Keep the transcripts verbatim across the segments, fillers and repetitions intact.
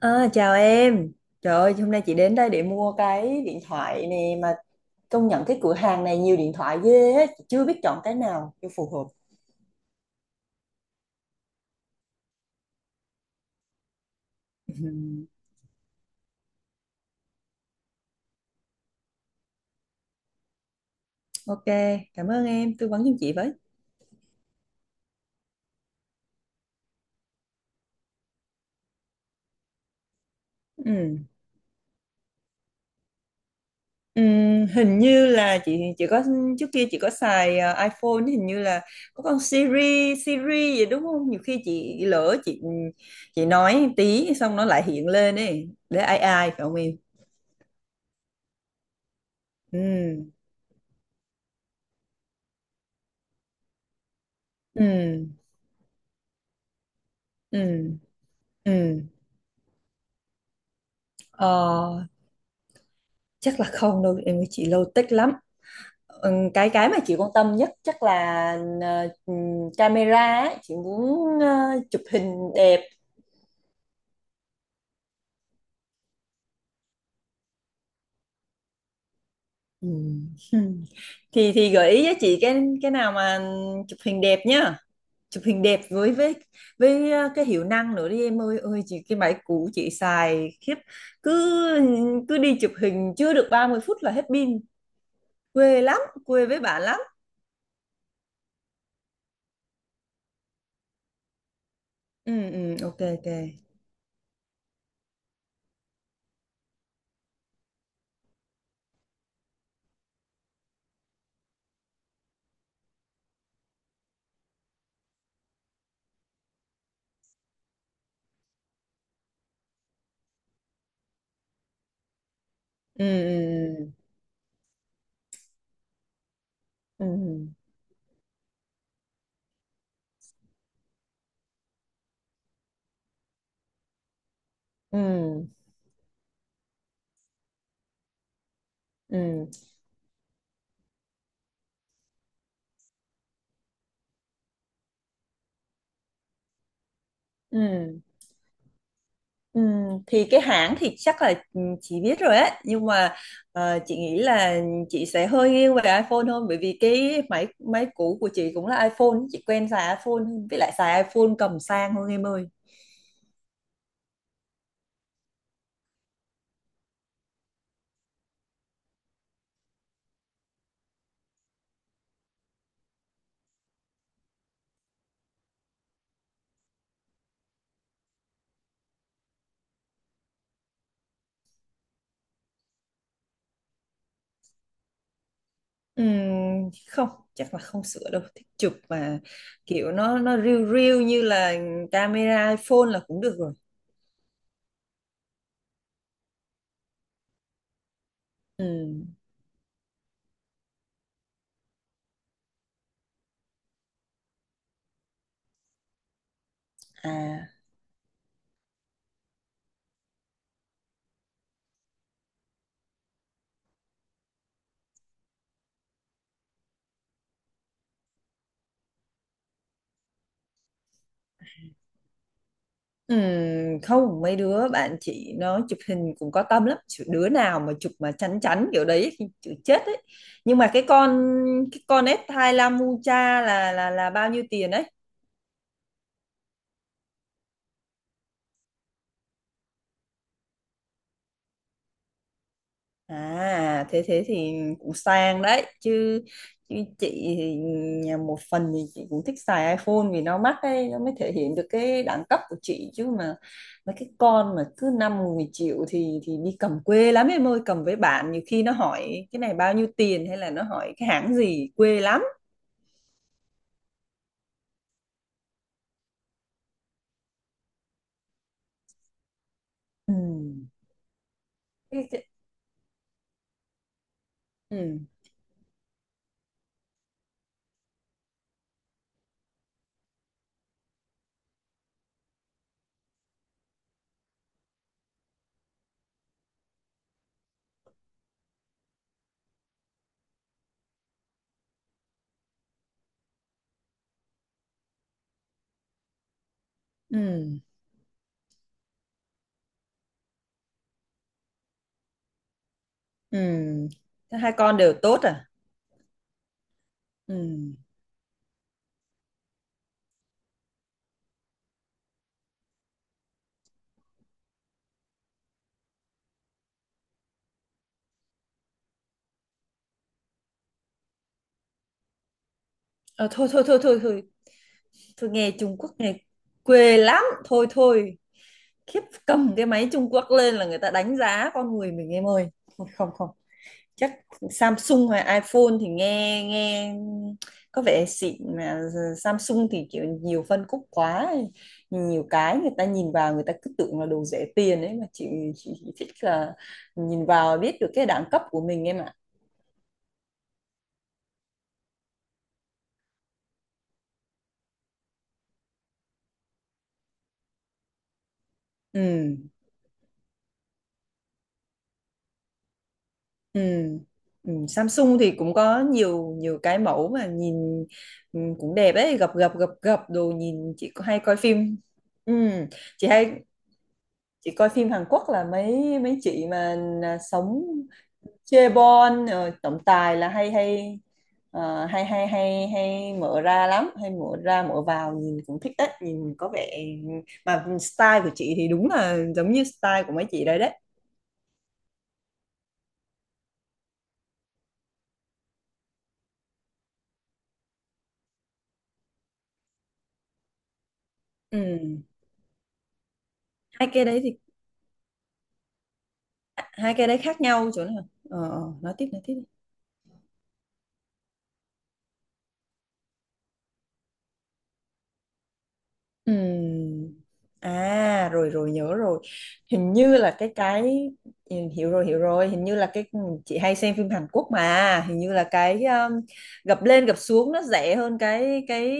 À, chào em. Trời ơi, hôm nay chị đến đây để mua cái điện thoại nè, mà công nhận cái cửa hàng này nhiều điện thoại ghê á, chị chưa biết chọn cái nào cho phù hợp. Ừm, Ok, cảm ơn em tư vấn giùm chị với. Ừm, ừm, hình như là chị chị có, trước kia chị có xài ờ, iPhone, hình như là có con Siri Siri gì đúng không? Nhiều khi chị lỡ chị, ừ, chị nói tí xong nó lại hiện lên ấy, để ai ai phải không em? Ừm. Ừm. Ừm. Ừm. Ờ, chắc là không đâu em ơi, chị lâu tích lắm. Ừm, cái cái mà chị quan tâm nhất chắc là ờ, ừm, camera ấy. Chị muốn ờ, chụp hình đẹp. Ừm. thì thì gợi ý cho chị cái cái nào mà chụp hình đẹp nhá, chụp hình đẹp với với với ờ, cái hiệu năng nữa đi em ơi ơi, chị cái máy cũ chị xài khiếp, cứ cứ đi chụp hình chưa được ba mươi phút là hết pin, quê lắm, quê với bạn lắm. Ừ, ừ, ok, ok, ừ ừ. Ừ. Ừ. Ừ. Ừ. Ừ. Ừ. Ừ. Thì cái hãng thì chắc là, ừ, chị biết rồi á, nhưng mà ờ, chị nghĩ là chị sẽ hơi nghiêng về iPhone hơn, bởi vì cái máy máy cũ của chị cũng là iPhone, chị quen xài iPhone hơn, với lại xài iPhone cầm sang hơn em ơi. Ừ, không, chắc là không sửa đâu, thích chụp mà, kiểu nó nó riu riu như là camera iPhone là cũng được rồi. Ừ. À. Ừm, không, mấy đứa bạn chị nó chụp hình cũng có tâm lắm, chứ đứa nào mà chụp mà chắn chắn kiểu đấy thì chịu chết ấy. Nhưng mà cái con cái con ét hai mươi lăm Ucha là là là bao nhiêu tiền đấy? À, thế thế thì cũng sang đấy chứ, chứ chị thì, nhà một phần thì chị cũng thích xài iPhone vì nó mắc ấy, nó mới thể hiện được cái đẳng cấp của chị. Chứ mà mấy cái con mà cứ năm mười triệu thì thì đi cầm quê lắm em ơi, cầm với bạn nhiều khi nó hỏi cái này bao nhiêu tiền hay là nó hỏi cái hãng gì, quê lắm. Ừ. Cái- cái- ừ. Ừ. Ừ. Thế, Hai con đều tốt à? Ừ. Ờ, thôi thôi thôi thôi thôi thôi, nghe Trung Quốc nghe quê lắm, thôi thôi, khiếp, cầm cái máy Trung Quốc lên là người ta đánh giá con người mình em ơi. Không, không, chắc Samsung hay iPhone thì nghe nghe có vẻ xịn mà. Samsung thì kiểu nhiều phân khúc quá, nhiều cái người ta nhìn vào người ta cứ tưởng là đồ rẻ tiền ấy mà chị, chị thích là nhìn vào biết được cái đẳng cấp của mình em ạ. Ừ. Ừ. Ừ. Samsung thì cũng có nhiều nhiều cái mẫu mà nhìn ừ, cũng đẹp ấy, gập gập gập gập đồ, nhìn chị có- hay coi phim. Ừ. chị hay chị coi phim Hàn Quốc là mấy mấy chị mà à, sống chaebol rồi tổng tài là hay hay. Ờ, hay hay hay hay mở ra lắm, hay mở ra mở vào, nhìn cũng thích đấy, nhìn có vẻ mà style của chị thì đúng là giống như style của mấy chị đấy đấy. Ừ. hai cái đấy thì Hai cái đấy khác nhau chỗ nào, ờ, ờ, nói tiếp nói tiếp đi. Ừm, à rồi rồi nhớ rồi, hình như là cái cái ừ, hiểu rồi hiểu rồi, hình như là cái chị hay xem phim Hàn Quốc, mà hình như là cái um, gập lên gập xuống nó rẻ hơn cái cái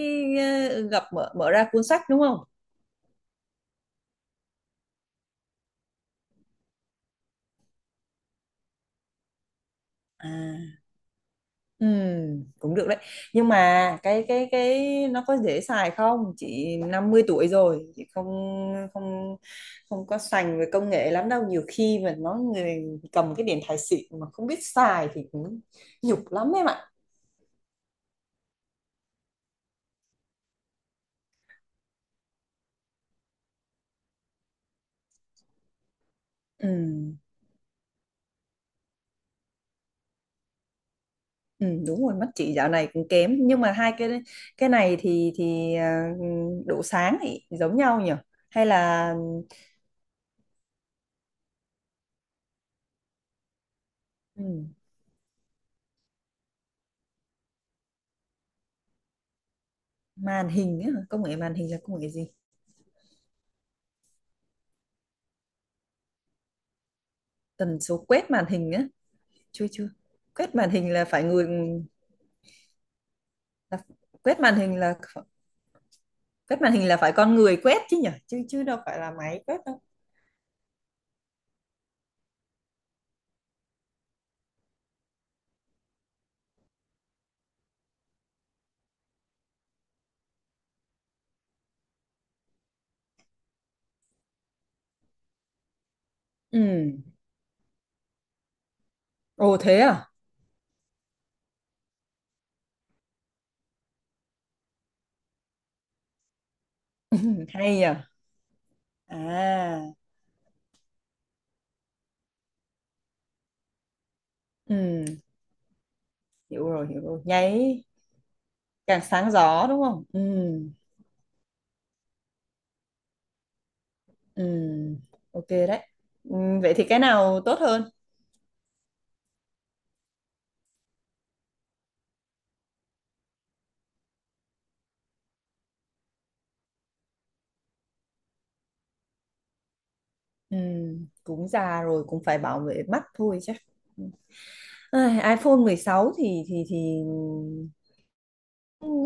uh, gập, mở mở ra cuốn sách đúng không? À. Ừ, cũng được đấy, nhưng mà cái cái cái nó có dễ xài không, chị năm mươi tuổi rồi, chị không không không có sành về công nghệ lắm đâu, nhiều khi mà nó người cầm cái điện thoại xịn mà không biết xài thì cũng nhục lắm em ạ. Ừ, ừ, đúng rồi, mắt chị dạo này cũng kém, nhưng mà hai cái cái này thì thì à, độ sáng thì giống nhau nhỉ, hay là ừ, màn hình á, công nghệ màn hình là công nghệ gì? Tần số quét màn hình, chưa chưa. quét màn hình là phải người là, quét màn hình là quét màn hình là phải con người quét chứ nhỉ, chứ chứ đâu phải là máy quét đâu. Ừ. Ồ, thế à? Hay nhỉ. À. Ừ, hiểu rồi, hiểu rồi, nháy càng sáng gió đúng không? Ừ. Ừ, ok đấy. Ừ, vậy thì cái nào tốt hơn? Ừ, cũng già rồi cũng phải bảo vệ mắt thôi chứ. Ai, iPhone mười sáu thì thì thì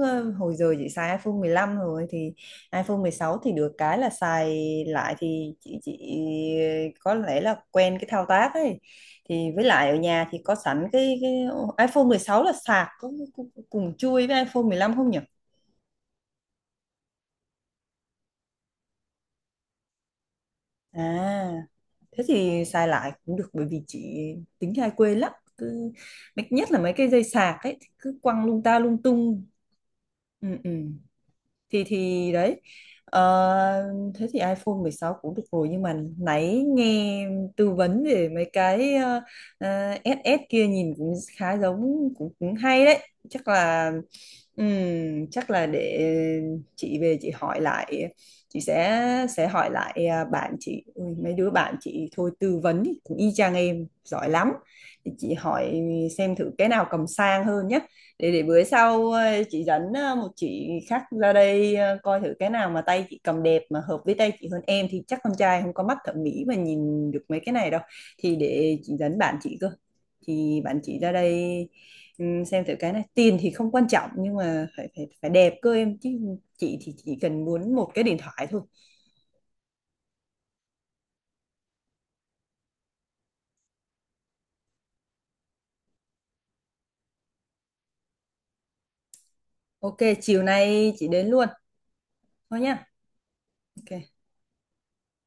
ờ, hồi giờ chị xài iPhone mười lăm rồi, thì iPhone mười sáu thì được cái là xài lại, thì chị chị có lẽ là quen cái thao tác ấy, thì với lại ở nhà thì có sẵn cái, cái iPhone mười sáu, là sạc cũng cũng- cũng cùng chui với iPhone mười lăm không nhỉ? À, thế thì xài lại cũng được, bởi vì chị tính hay quên lắm, cứ nhất là mấy cái dây sạc ấy thì cứ quăng lung ta lung tung. Ừ, ừ, thì thì đấy. Ờ, thế thì iPhone mười sáu cũng được rồi, nhưng mà nãy nghe tư vấn về mấy cái ờ, ờ, ét ét kia nhìn cũng khá giống, cũng, cũng hay đấy. Chắc là, ừm, chắc là để chị về chị hỏi lại, chị sẽ sẽ hỏi lại à, bạn chị. Ui, mấy đứa bạn chị thôi tư vấn cũng y chang em, giỏi lắm, thì chị hỏi xem thử cái nào cầm sang hơn nhá, để để bữa sau ờ, chị dẫn ờ, một chị khác ra đây ờ, coi thử cái nào mà tay chị cầm đẹp mà hợp với tay chị hơn, em thì chắc con trai không có mắt thẩm mỹ mà nhìn được mấy cái này đâu, thì để chị dẫn bạn chị cơ, thì bạn chị ra đây. Ừm, xem thử cái này tiền thì không quan trọng, nhưng mà phải phải phải đẹp cơ em chứ, chị thì chỉ cần muốn một cái điện thoại thôi. Ok, chiều nay chị đến luôn. Thôi nhá. Ok